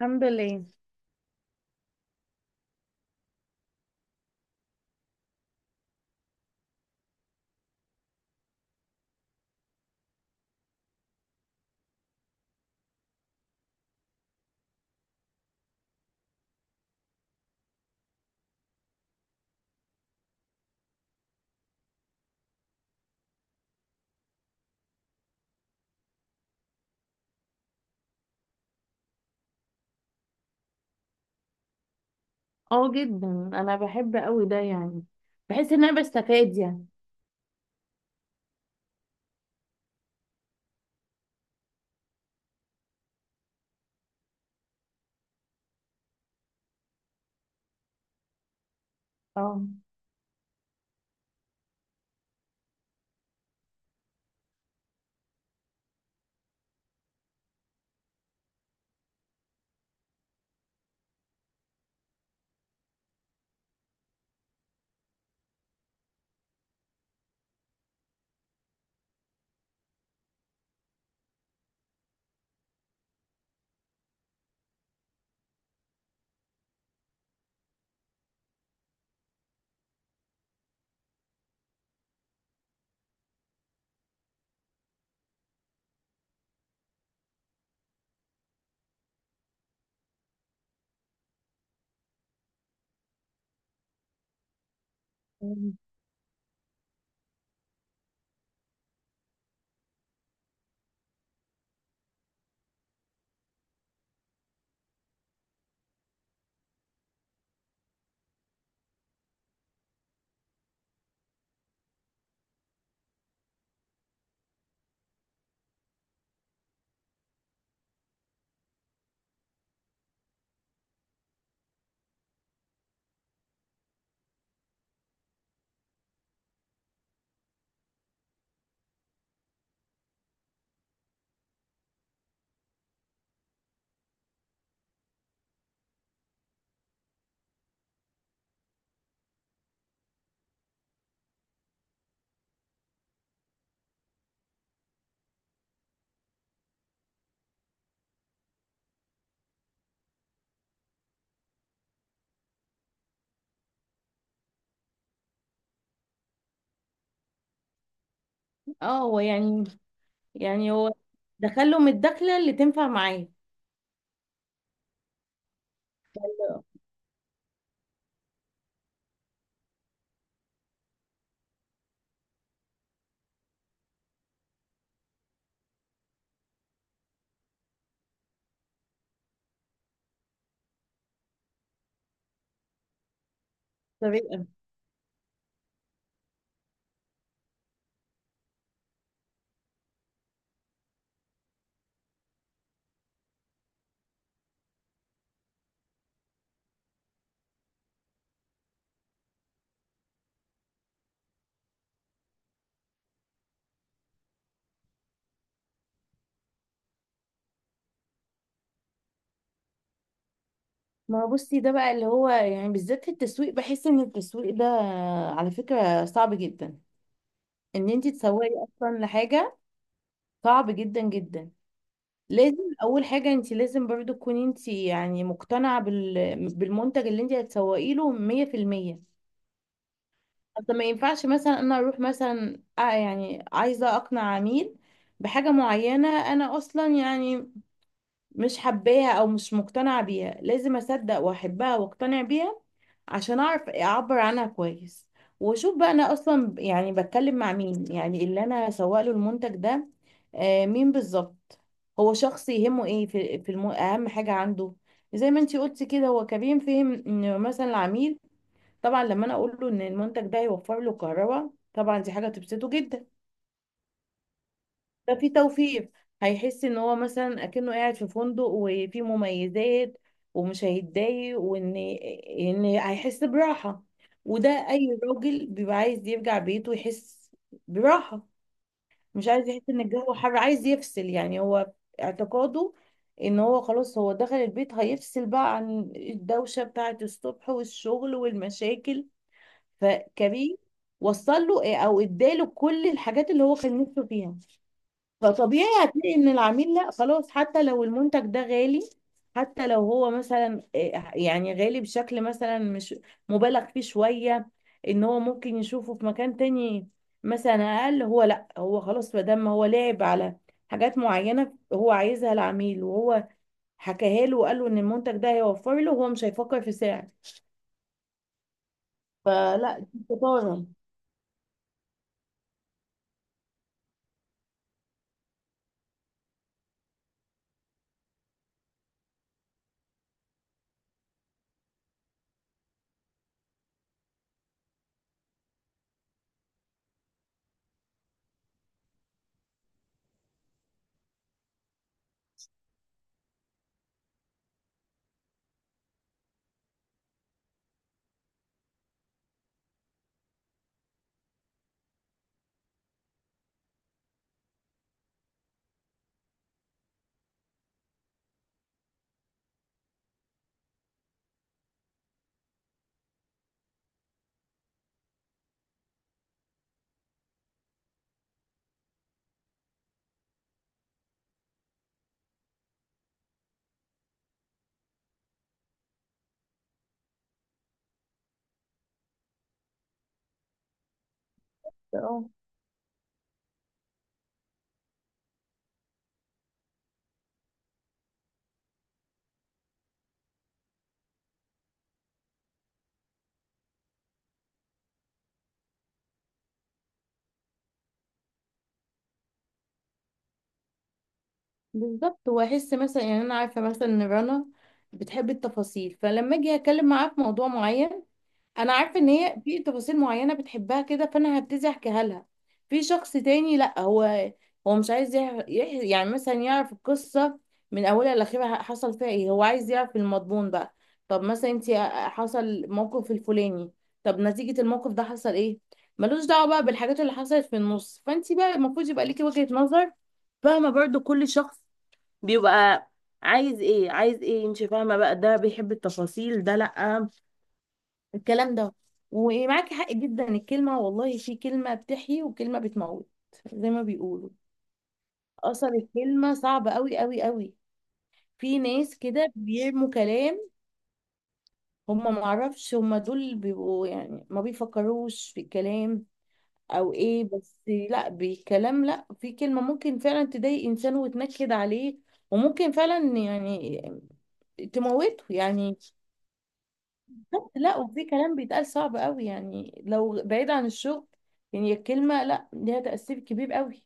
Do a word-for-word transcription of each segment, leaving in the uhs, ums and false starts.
الحمد لله. اه جدا، انا بحب قوي ده يعني. بحس ان انا بستفاد يعني. اه، اه، هو يعني، يعني هو دخلهم الدخله اللي تنفع معاه. طريقه. ما هو بصي، ده بقى اللي هو يعني بالذات في التسويق. بحس ان التسويق ده على فكره صعب جدا، ان انت تسوقي اصلا لحاجه. صعب جدا جدا. لازم اول حاجه، انت لازم برضو تكوني انت يعني مقتنعه بال... بالمنتج اللي انت هتسوقي له مية في المية. طب ما ينفعش مثلا انا اروح مثلا آه، يعني عايزه اقنع عميل بحاجه معينه، انا اصلا يعني مش حباها او مش مقتنعه بيها. لازم اصدق واحبها واقتنع بيها عشان اعرف اعبر عنها كويس. واشوف بقى انا اصلا يعني بتكلم مع مين، يعني اللي انا هسوق له المنتج ده آه، مين بالظبط. هو شخص يهمه ايه في في الم... اهم حاجه عنده. زي ما انتي قلتي كده، هو كريم فهم ان مثلا العميل طبعا لما انا اقول له ان المنتج ده هيوفر له كهرباء، طبعا دي حاجه تبسطه جدا. ده في توفير. هيحس ان هو مثلا اكنه قاعد في فندق وفي مميزات، ومش هيتضايق، وان ان هيحس براحه. وده اي راجل بيبقى عايز يرجع بيته يحس براحه. مش عايز يحس ان الجو حر، عايز يفصل يعني. هو اعتقاده ان هو خلاص، هو دخل البيت هيفصل بقى عن الدوشه بتاعه الصبح والشغل والمشاكل. فكريم وصل له إيه، او اداله كل الحاجات اللي هو كان نفسه فيها. فطبيعي هتلاقي ان العميل لا خلاص، حتى لو المنتج ده غالي، حتى لو هو مثلا إيه يعني غالي بشكل مثلا مش مبالغ فيه شوية، ان هو ممكن يشوفه في مكان تاني مثلا اقل، هو لا، هو خلاص ما دام هو لعب على حاجات معينة هو عايزها العميل، وهو حكاها له وقال له ان المنتج ده هيوفر له، هو مش هيفكر في سعر. فلا، دي شطارة. بالظبط، واحس مثلا يعني انا عارفه مثلا ان رنا بتحب التفاصيل، فلما اجي اتكلم معاها في موضوع معين انا عارفه ان هي في تفاصيل معينه بتحبها كده، فانا هبتدي احكيها لها. في شخص تاني لا، هو هو مش عايز يح... يح... يعني مثلا يعرف القصه من اولها لاخرها حصل فيها ايه، هو عايز يعرف المضمون بقى. طب مثلا انت حصل موقف الفلاني، طب نتيجه الموقف ده حصل ايه؟ ملوش دعوه بقى بالحاجات اللي حصلت في النص. فانت بقى المفروض يبقى ليكي وجهه نظر. فاهمة؟ برضو كل شخص بيبقى عايز ايه، عايز ايه. انت فاهمه بقى، ده بيحب التفاصيل، ده لا. الكلام ده. ومعاكي حق جدا، الكلمة والله. في كلمة بتحيي وكلمة بتموت زي ما بيقولوا. أصل الكلمة صعبة قوي قوي قوي. في ناس كده بيرموا كلام، هم معرفش، هم دول بيبقوا يعني ما بيفكروش في الكلام أو إيه بس. لا بالكلام، لا، في كلمة ممكن فعلا تضايق إنسان وتنكد عليه، وممكن فعلا يعني تموته يعني. لا، وفي كلام بيتقال صعب قوي يعني، لو بعيد عن الشغل، يعني الكلمة لا، ليها تأثير كبير قوي.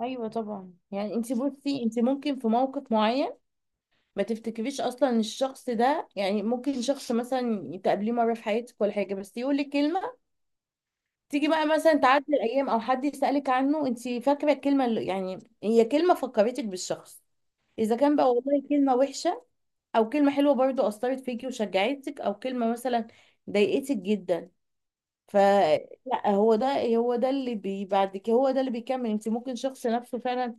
ايوه طبعا يعني. انت بصي، انت ممكن في موقف معين ما تفتكريش اصلا إن الشخص ده، يعني ممكن شخص مثلا تقابليه مره في حياتك ولا حاجه بس يقول لك كلمه، تيجي بقى مثلا تعدي الايام او حد يسالك عنه، انت فاكره الكلمه اللي يعني هي كلمه فكرتك بالشخص. اذا كان بقى والله كلمه وحشه، او كلمه حلوه برضو اثرت فيكي وشجعتك، او كلمه مثلا ضايقتك جدا. فلا، هو ده، هو ده اللي بي بعد كده، هو ده اللي بيكمل. انت ممكن شخص نفسه فعلا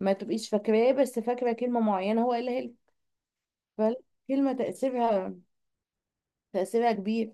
ما تبقيش فاكراه، بس فاكره كلمه معينه هو قالها لك. فالكلمه تاثيرها تاثيرها كبير.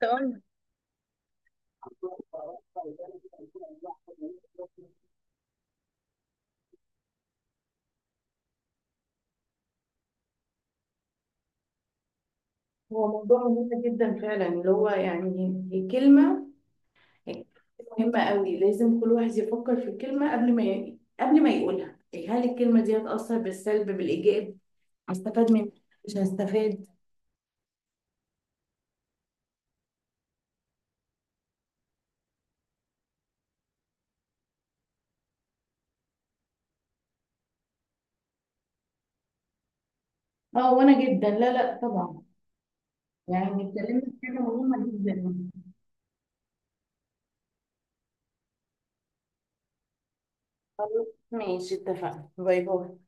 تقول. هو موضوع مهم جدا فعلا، اللي هو يعني الكلمة مهمة قوي. لازم كل واحد يفكر في الكلمة قبل ما ي... قبل ما يقولها. هل الكلمة دي هتأثر بالسلب بالإيجاب؟ هستفاد منها مش هستفاد. اه وانا جدا، لا لا طبعا، يعني اتكلمنا في حاجه مهمه جدا. خلاص ماشي، اتفقنا. باي باي.